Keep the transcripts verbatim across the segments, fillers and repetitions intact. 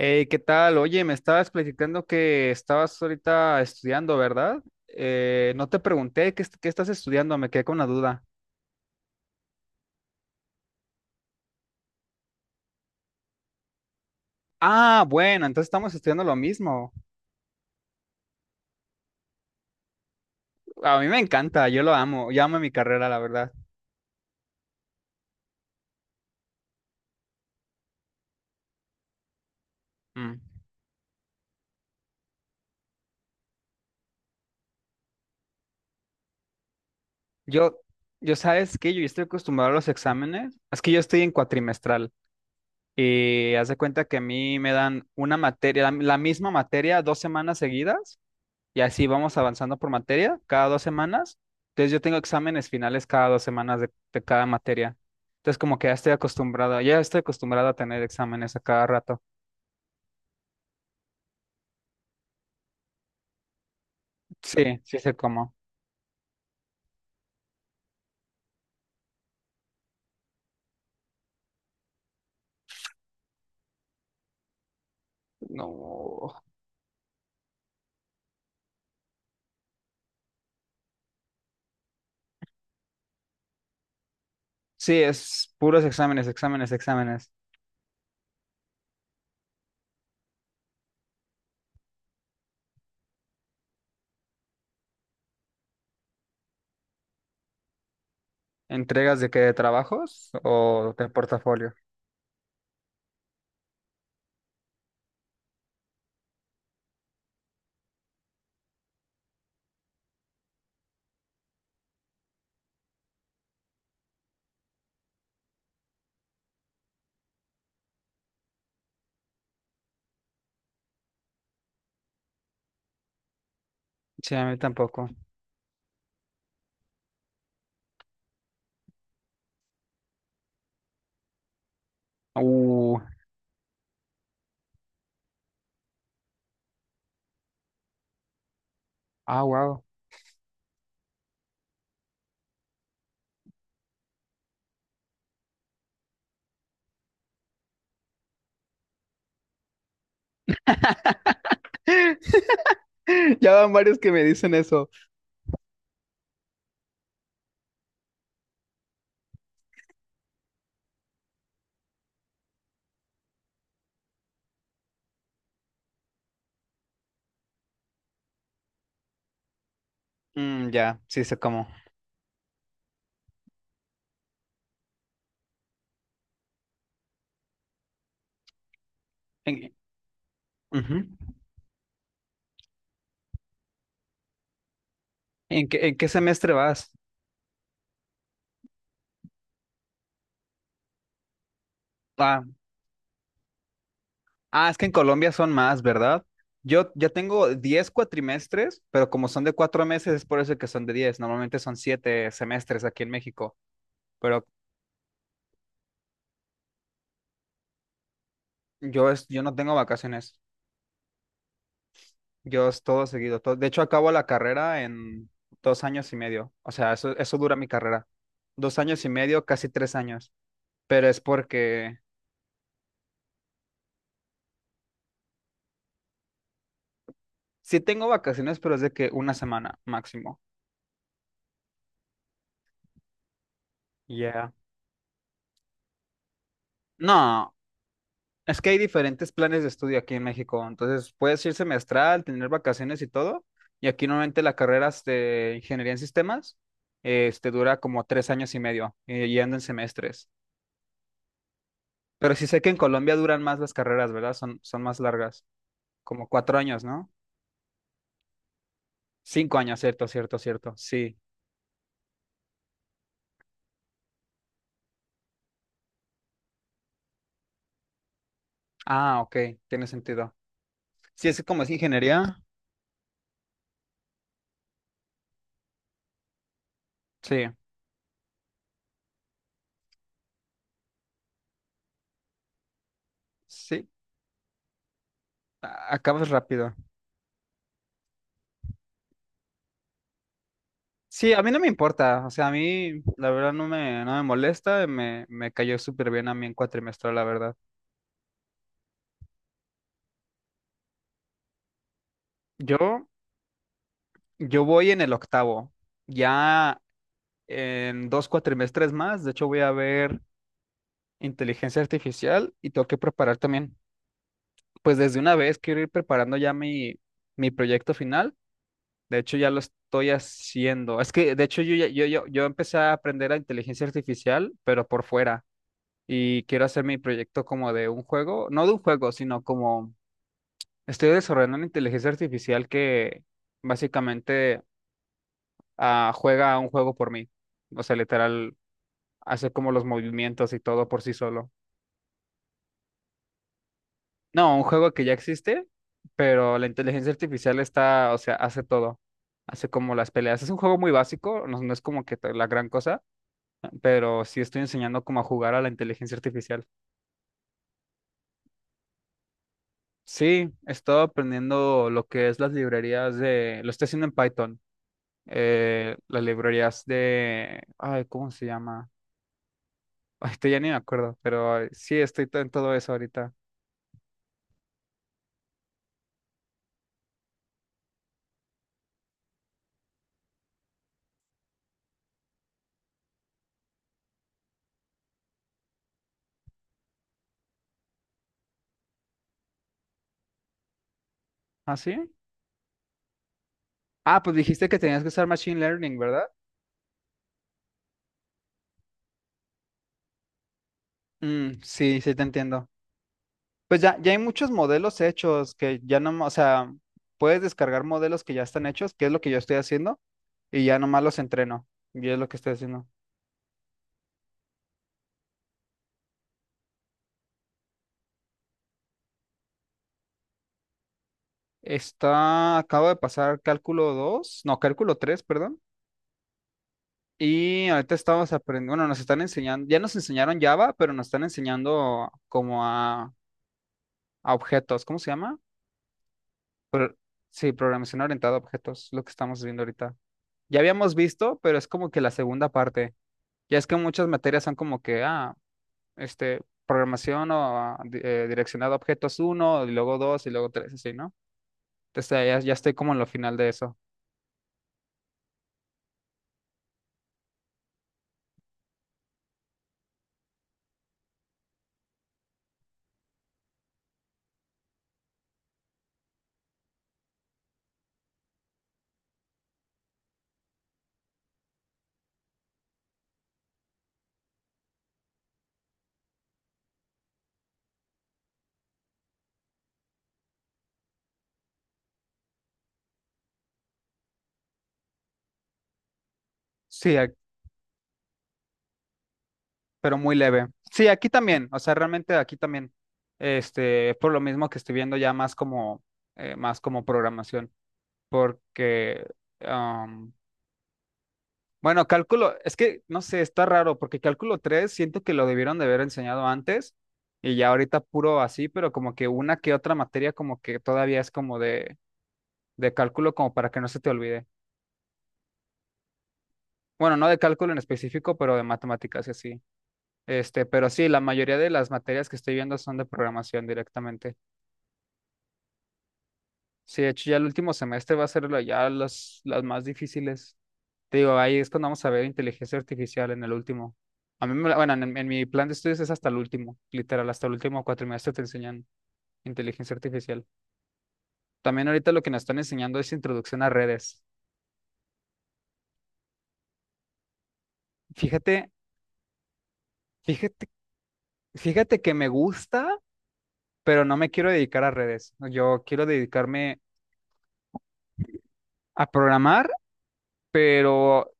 Hey, ¿qué tal? Oye, me estabas platicando que estabas ahorita estudiando, ¿verdad? Eh, no te pregunté qué, est- qué estás estudiando, me quedé con una duda. Ah, bueno, entonces estamos estudiando lo mismo. A mí me encanta, yo lo amo, yo amo mi carrera, la verdad. Mm. Yo, yo sabes que yo estoy acostumbrado a los exámenes, es que yo estoy en cuatrimestral y haz de cuenta que a mí me dan una materia, la la misma materia dos semanas seguidas. Y así vamos avanzando por materia cada dos semanas. Entonces yo tengo exámenes finales cada dos semanas de, de cada materia. Entonces como que ya estoy acostumbrado, ya estoy acostumbrado a tener exámenes a cada rato. Sí, sí sé cómo. No. Sí, es puros exámenes, exámenes, exámenes. ¿Entregas de qué? ¿De trabajos o de portafolio? Sí, a mí tampoco. Uh, ah, wow. Ya van varios que me dicen eso. Mm, ya, sí sé cómo. ¿En, Ujú. ¿En qué, en qué semestre vas? Ah, Ah, es que en Colombia son más, ¿verdad? Yo ya tengo diez cuatrimestres, pero como son de cuatro meses, es por eso que son de diez. Normalmente son siete semestres aquí en México, pero yo, es, yo no tengo vacaciones. Yo es todo seguido. Todo- de hecho, acabo la carrera en dos años y medio. O sea, eso, eso dura mi carrera. Dos años y medio, casi tres años. Pero es porque sí tengo vacaciones, pero es de que una semana máximo. Ya. No, es que hay diferentes planes de estudio aquí en México, entonces puedes ir semestral, tener vacaciones y todo, y aquí normalmente la carrera de ingeniería en sistemas eh, este, dura como tres años y medio, eh, y anda en semestres. Pero sí sé que en Colombia duran más las carreras, ¿verdad? Son, son más largas, como cuatro años, ¿no? Cinco años, cierto, cierto, cierto, sí. Ah, ok, tiene sentido. Sí, es que como es ingeniería, sí, sí, a- acabas rápido. Sí, a mí no me importa, o sea, a mí la verdad no me, no me molesta, me, me cayó súper bien a mí en cuatrimestral, la verdad. Yo, yo voy en el octavo, ya en dos cuatrimestres más, de hecho voy a ver inteligencia artificial y tengo que preparar también, pues desde una vez quiero ir preparando ya mi, mi proyecto final, de hecho ya lo estoy haciendo, es que de hecho yo, ya- yo, yo, yo empecé a aprender a inteligencia artificial, pero por fuera. Y quiero hacer mi proyecto como de un juego, no de un juego, sino como estoy desarrollando una inteligencia artificial que básicamente ah, juega a un juego por mí. O sea, literal, hace como los movimientos y todo por sí solo. No, un juego que ya existe, pero la inteligencia artificial está, o sea, hace todo. Hace como las peleas. Es un juego muy básico, no, no es como que la gran cosa, pero sí estoy enseñando como a jugar a la inteligencia artificial. Sí, he estado aprendiendo lo que es las librerías de, lo estoy haciendo en Python, eh, las librerías de, ay, ¿cómo se llama? Ay, te- ya ni me acuerdo, pero ay, sí, estoy to- en todo eso ahorita. ¿Ah, sí? Ah, pues dijiste que tenías que usar Machine Learning, ¿verdad? Mm, sí, sí te entiendo. Pues ya, ya hay muchos modelos hechos que ya no, o sea, puedes descargar modelos que ya están hechos, que es lo que yo estoy haciendo, y ya nomás los entreno, y es lo que estoy haciendo. Está, acabo de pasar cálculo dos no, cálculo tres perdón. Y ahorita estamos aprendiendo, bueno, nos están enseñando, ya nos enseñaron Java, pero nos están enseñando como a, a, objetos, ¿cómo se llama? Pro- sí, programación orientada a objetos, lo que estamos viendo ahorita. Ya habíamos visto, pero es como que la segunda parte. Ya es que muchas materias son como que, ah, este, programación o ah, di- eh, direccionada a objetos uno y luego dos y luego tres así, ¿no? Entonces ya, ya estoy como en lo final de eso. Sí, pero muy leve. Sí, aquí también, o sea, realmente aquí también, este, es por lo mismo que estoy viendo ya más como, eh, más como programación, porque, am, bueno, cálculo, es que, no sé, está raro, porque cálculo tres siento que lo debieron de haber enseñado antes y ya ahorita puro así, pero como que una que otra materia como que todavía es como de, de cálculo como para que no se te olvide. Bueno, no de cálculo en específico, pero de matemáticas y así. Este, pero sí, la mayoría de las materias que estoy viendo son de programación directamente. Sí, de hecho ya el último semestre va a ser la- ya las, las más difíciles. Te digo, ahí es cuando vamos a ver inteligencia artificial en el último. A mí, me la- bueno, en, en mi plan de estudios es hasta el último, literal, hasta el último cuatrimestre te enseñan inteligencia artificial. También ahorita lo que nos están enseñando es introducción a redes. Fíjate, fíjate, fíjate que me gusta, pero no me quiero dedicar a redes. Yo quiero dedicarme a programar, pero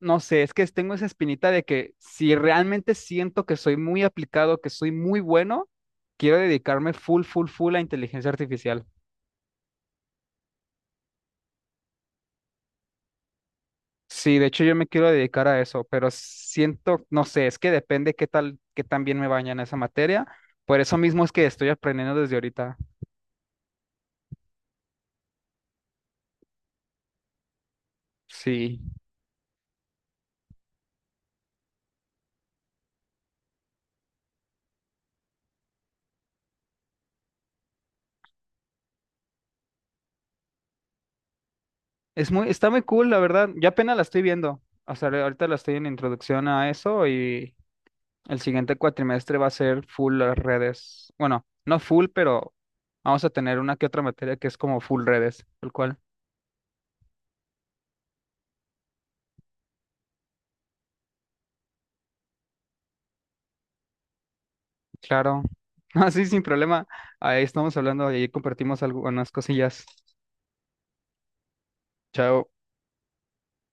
no sé, es que tengo esa espinita de que si realmente siento que soy muy aplicado, que soy muy bueno, quiero dedicarme full, full, full a inteligencia artificial. Sí, de hecho yo me quiero dedicar a eso, pero siento, no sé, es que depende qué tal, qué tan bien me vaya en esa materia. Por eso mismo es que estoy aprendiendo desde ahorita. Sí, es muy, está muy cool, la verdad. Yo apenas la estoy viendo. O sea, ahorita la estoy en introducción a eso y el siguiente cuatrimestre va a ser full las redes. Bueno, no full, pero vamos a tener una que otra materia que es como full redes, tal cual. Claro. Así sin problema. Ahí estamos hablando, ahí compartimos algunas cosillas. Chao.